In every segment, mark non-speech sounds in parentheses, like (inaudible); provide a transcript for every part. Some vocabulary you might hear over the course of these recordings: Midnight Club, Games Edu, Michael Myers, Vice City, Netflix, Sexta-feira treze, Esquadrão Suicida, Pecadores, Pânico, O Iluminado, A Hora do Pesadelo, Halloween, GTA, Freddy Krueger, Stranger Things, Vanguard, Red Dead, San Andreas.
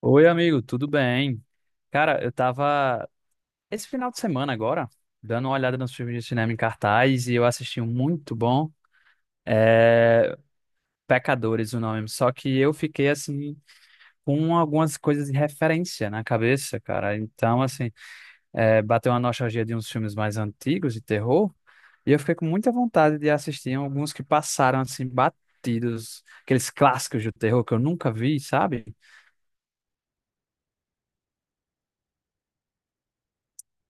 Oi, amigo, tudo bem? Cara, eu tava esse final de semana agora, dando uma olhada nos filmes de cinema em cartaz e eu assisti um muito bom, é... Pecadores, o nome. Só que eu fiquei assim com algumas coisas de referência na cabeça, cara. Então, assim, bateu uma nostalgia de uns filmes mais antigos de terror e eu fiquei com muita vontade de assistir alguns que passaram assim batidos, aqueles clássicos do terror que eu nunca vi, sabe?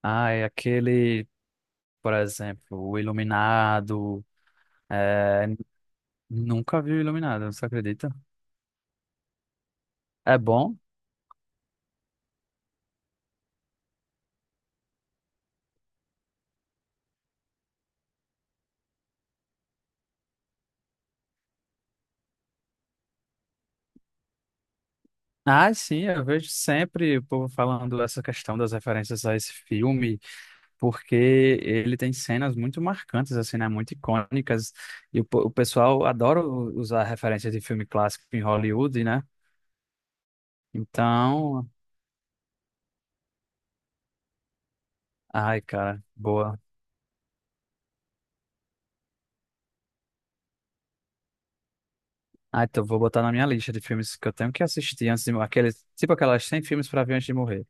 Ah, é aquele. Por exemplo, o Iluminado. É, nunca vi o Iluminado, você acredita? É bom? Ah, sim, eu vejo sempre o povo falando dessa questão das referências a esse filme, porque ele tem cenas muito marcantes, assim, né? Muito icônicas. O pessoal adora usar referências de filme clássico em Hollywood, né? Então, ai, cara, boa. Ah, então vou botar na minha lista de filmes que eu tenho que assistir antes de morrer. Aqueles, tipo aquelas 100 filmes para ver antes de morrer.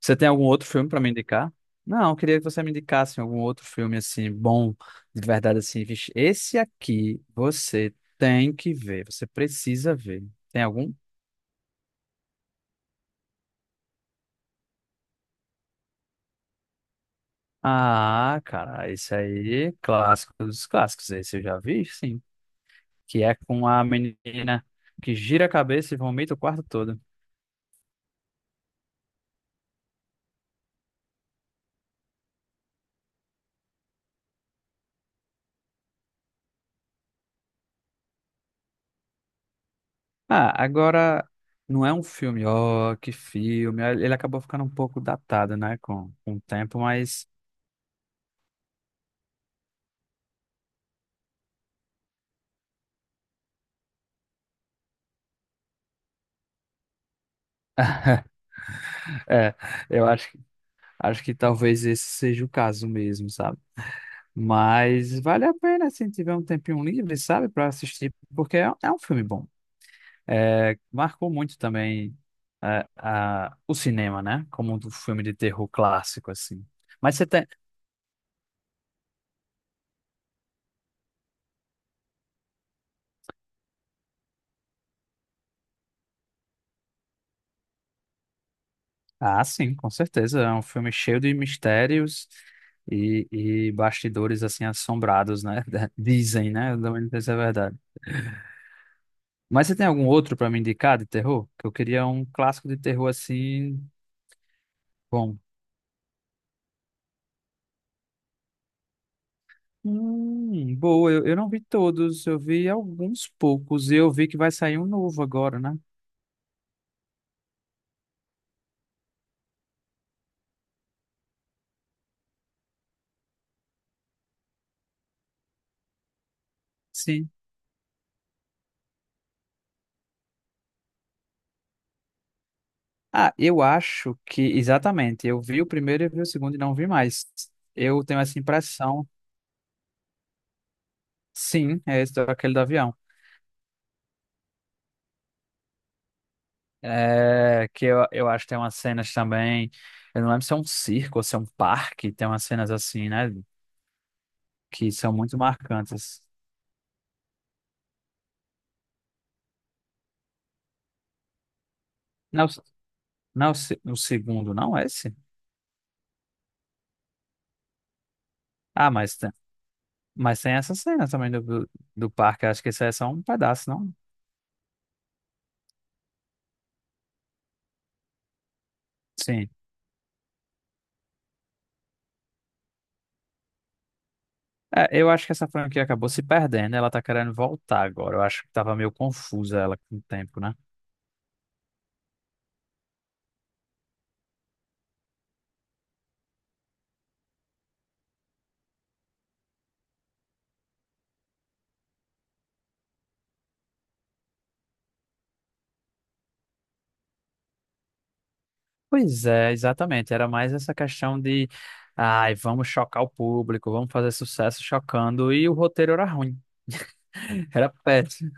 Você tem algum outro filme pra me indicar? Não, eu queria que você me indicasse algum outro filme assim bom, de verdade assim, vixe, esse aqui você tem que ver, você precisa ver. Tem algum? Ah, cara, esse aí, clássico dos clássicos, esse eu já vi, sim, que é com a menina que gira a cabeça e vomita o quarto todo. Ah, agora não é um filme, ó, que filme. Ele acabou ficando um pouco datado, né, com o tempo, mas (laughs) é, eu acho Acho que talvez esse seja o caso mesmo, sabe? Mas vale a pena, se tiver um tempinho livre, sabe, para assistir, porque é um filme bom. É, marcou muito também o cinema, né? Como um filme de terror clássico, assim. Mas você tem. Ah, sim, com certeza. É um filme cheio de mistérios e bastidores, assim, assombrados, né? (laughs) Dizem, né? Eu também não sei se é verdade. Mas você tem algum outro para me indicar de terror? Que eu queria um clássico de terror, assim. Bom. Boa, eu não vi todos, eu vi alguns poucos e eu vi que vai sair um novo agora, né? Sim. Ah, eu acho que, exatamente, eu vi o primeiro e vi o segundo e não vi mais. Eu tenho essa impressão, sim, é esse, aquele do avião. É, que eu acho que tem umas cenas também, eu não lembro se é um circo ou se é um parque, tem umas cenas assim, né, que são muito marcantes. Não, não, é o segundo, não é esse? Ah, mas tem. Mas tem essa cena também do parque. Acho que isso é só um pedaço, não? Sim. É, eu acho que essa franquia acabou se perdendo. Ela tá querendo voltar agora. Eu acho que tava meio confusa ela com o tempo, né? Pois é, exatamente. Era mais essa questão de, ai, vamos chocar o público, vamos fazer sucesso chocando. E o roteiro era ruim. (laughs) Era péssimo.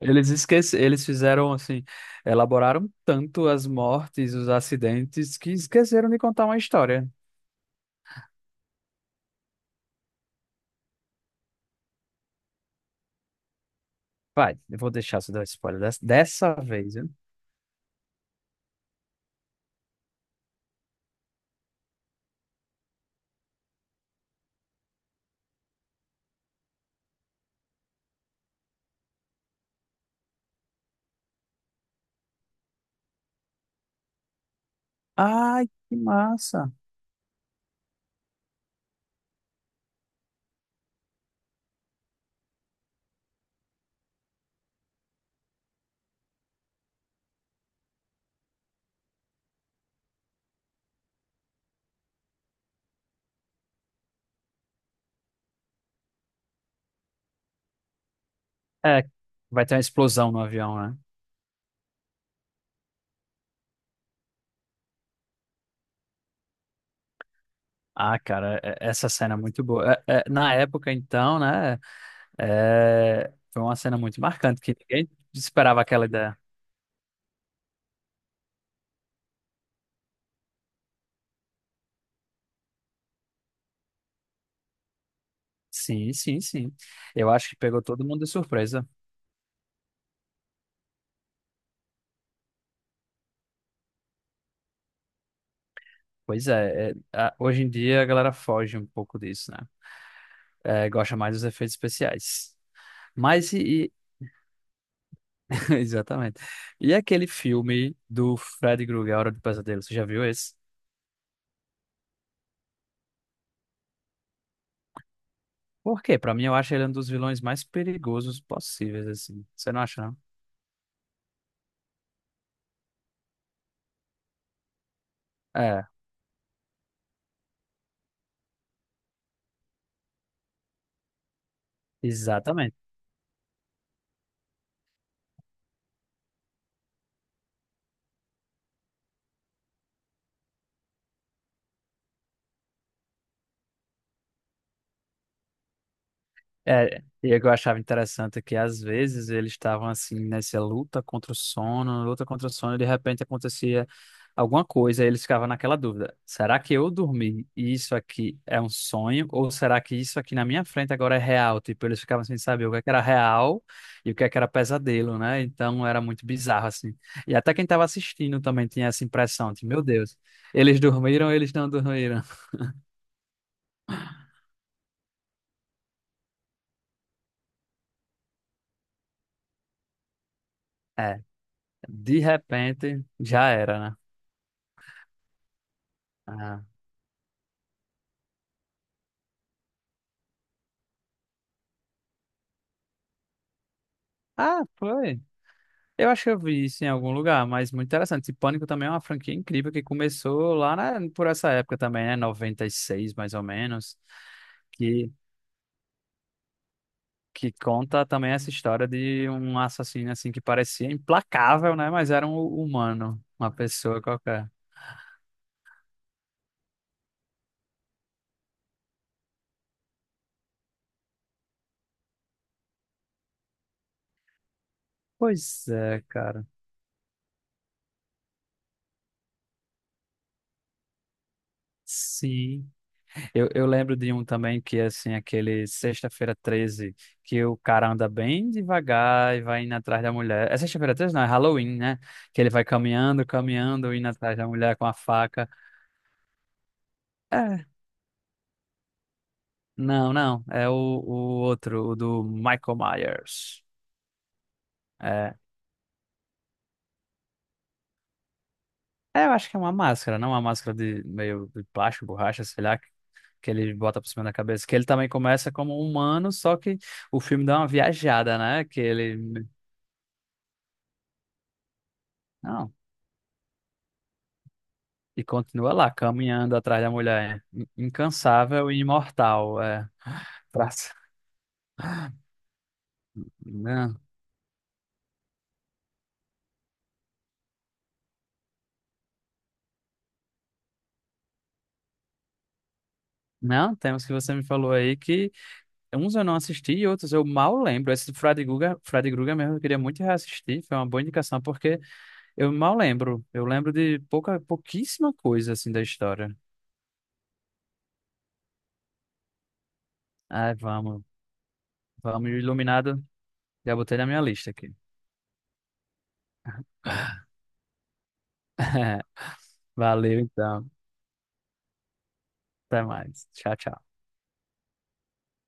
Eles fizeram assim, elaboraram tanto as mortes, os acidentes, que esqueceram de contar uma história. Vai, eu vou deixar você dar spoiler dessa, dessa vez, viu? Ai, que massa. É, vai ter uma explosão no avião, né? Ah, cara, essa cena é muito boa. Na época, então, né? Foi uma cena muito marcante, que ninguém esperava aquela ideia. Sim, sim, sim. Eu acho que pegou todo mundo de surpresa. Pois é, hoje em dia a galera foge um pouco disso, né? É, gosta mais dos efeitos especiais. Mas e, e- (laughs) Exatamente. E aquele filme do Fred Krueger, A Hora do Pesadelo, você já viu esse? Por quê? Pra mim, eu acho ele um dos vilões mais perigosos possíveis, assim. Você não acha, não? É, exatamente. É, e o que eu achava interessante é que às vezes eles estavam assim nessa luta contra o sono, luta contra o sono, e de repente acontecia alguma coisa, e eles ficavam naquela dúvida: será que eu dormi e isso aqui é um sonho, ou será que isso aqui na minha frente agora é real? Tipo, eles ficavam sem saber o que é que era real e o que é que era pesadelo, né? Então era muito bizarro assim. E até quem estava assistindo também tinha essa impressão de, meu Deus, eles dormiram, eles não dormiram. É, de repente já era, né? Ah. Ah, foi. Eu acho que eu vi isso em algum lugar, mas muito interessante. E Pânico também é uma franquia incrível que começou lá por essa época também, né? 96 mais ou menos, que, que conta também essa história de um assassino assim que parecia implacável, né? Mas era um humano, uma pessoa qualquer. Pois é, cara. Sim. Eu lembro de um também que é assim, aquele Sexta-feira 13 que o cara anda bem devagar e vai indo atrás da mulher. É Sexta-feira treze. Não, é Halloween, né? Que ele vai caminhando, caminhando, indo atrás da mulher com a faca. É, não, não. É o outro, o do Michael Myers. É. É, eu acho que é uma máscara, não uma máscara de meio de plástico, borracha, sei lá, que ele bota por cima da cabeça. Que ele também começa como um humano, só que o filme dá uma viajada, né? Que ele. Não. E continua lá, caminhando atrás da mulher. Incansável e imortal. É. Pra- Não. Não, tem que você me falou aí que uns eu não assisti e outros eu mal lembro. Esse do Fred Guga, Fred Guga mesmo eu queria muito reassistir, foi uma boa indicação, porque eu mal lembro. Eu lembro de pouca, pouquíssima coisa assim da história. Ai, vamos, vamos, Iluminado. Já botei na minha lista aqui. (laughs) Valeu então. Até mais. Tchau, tchau.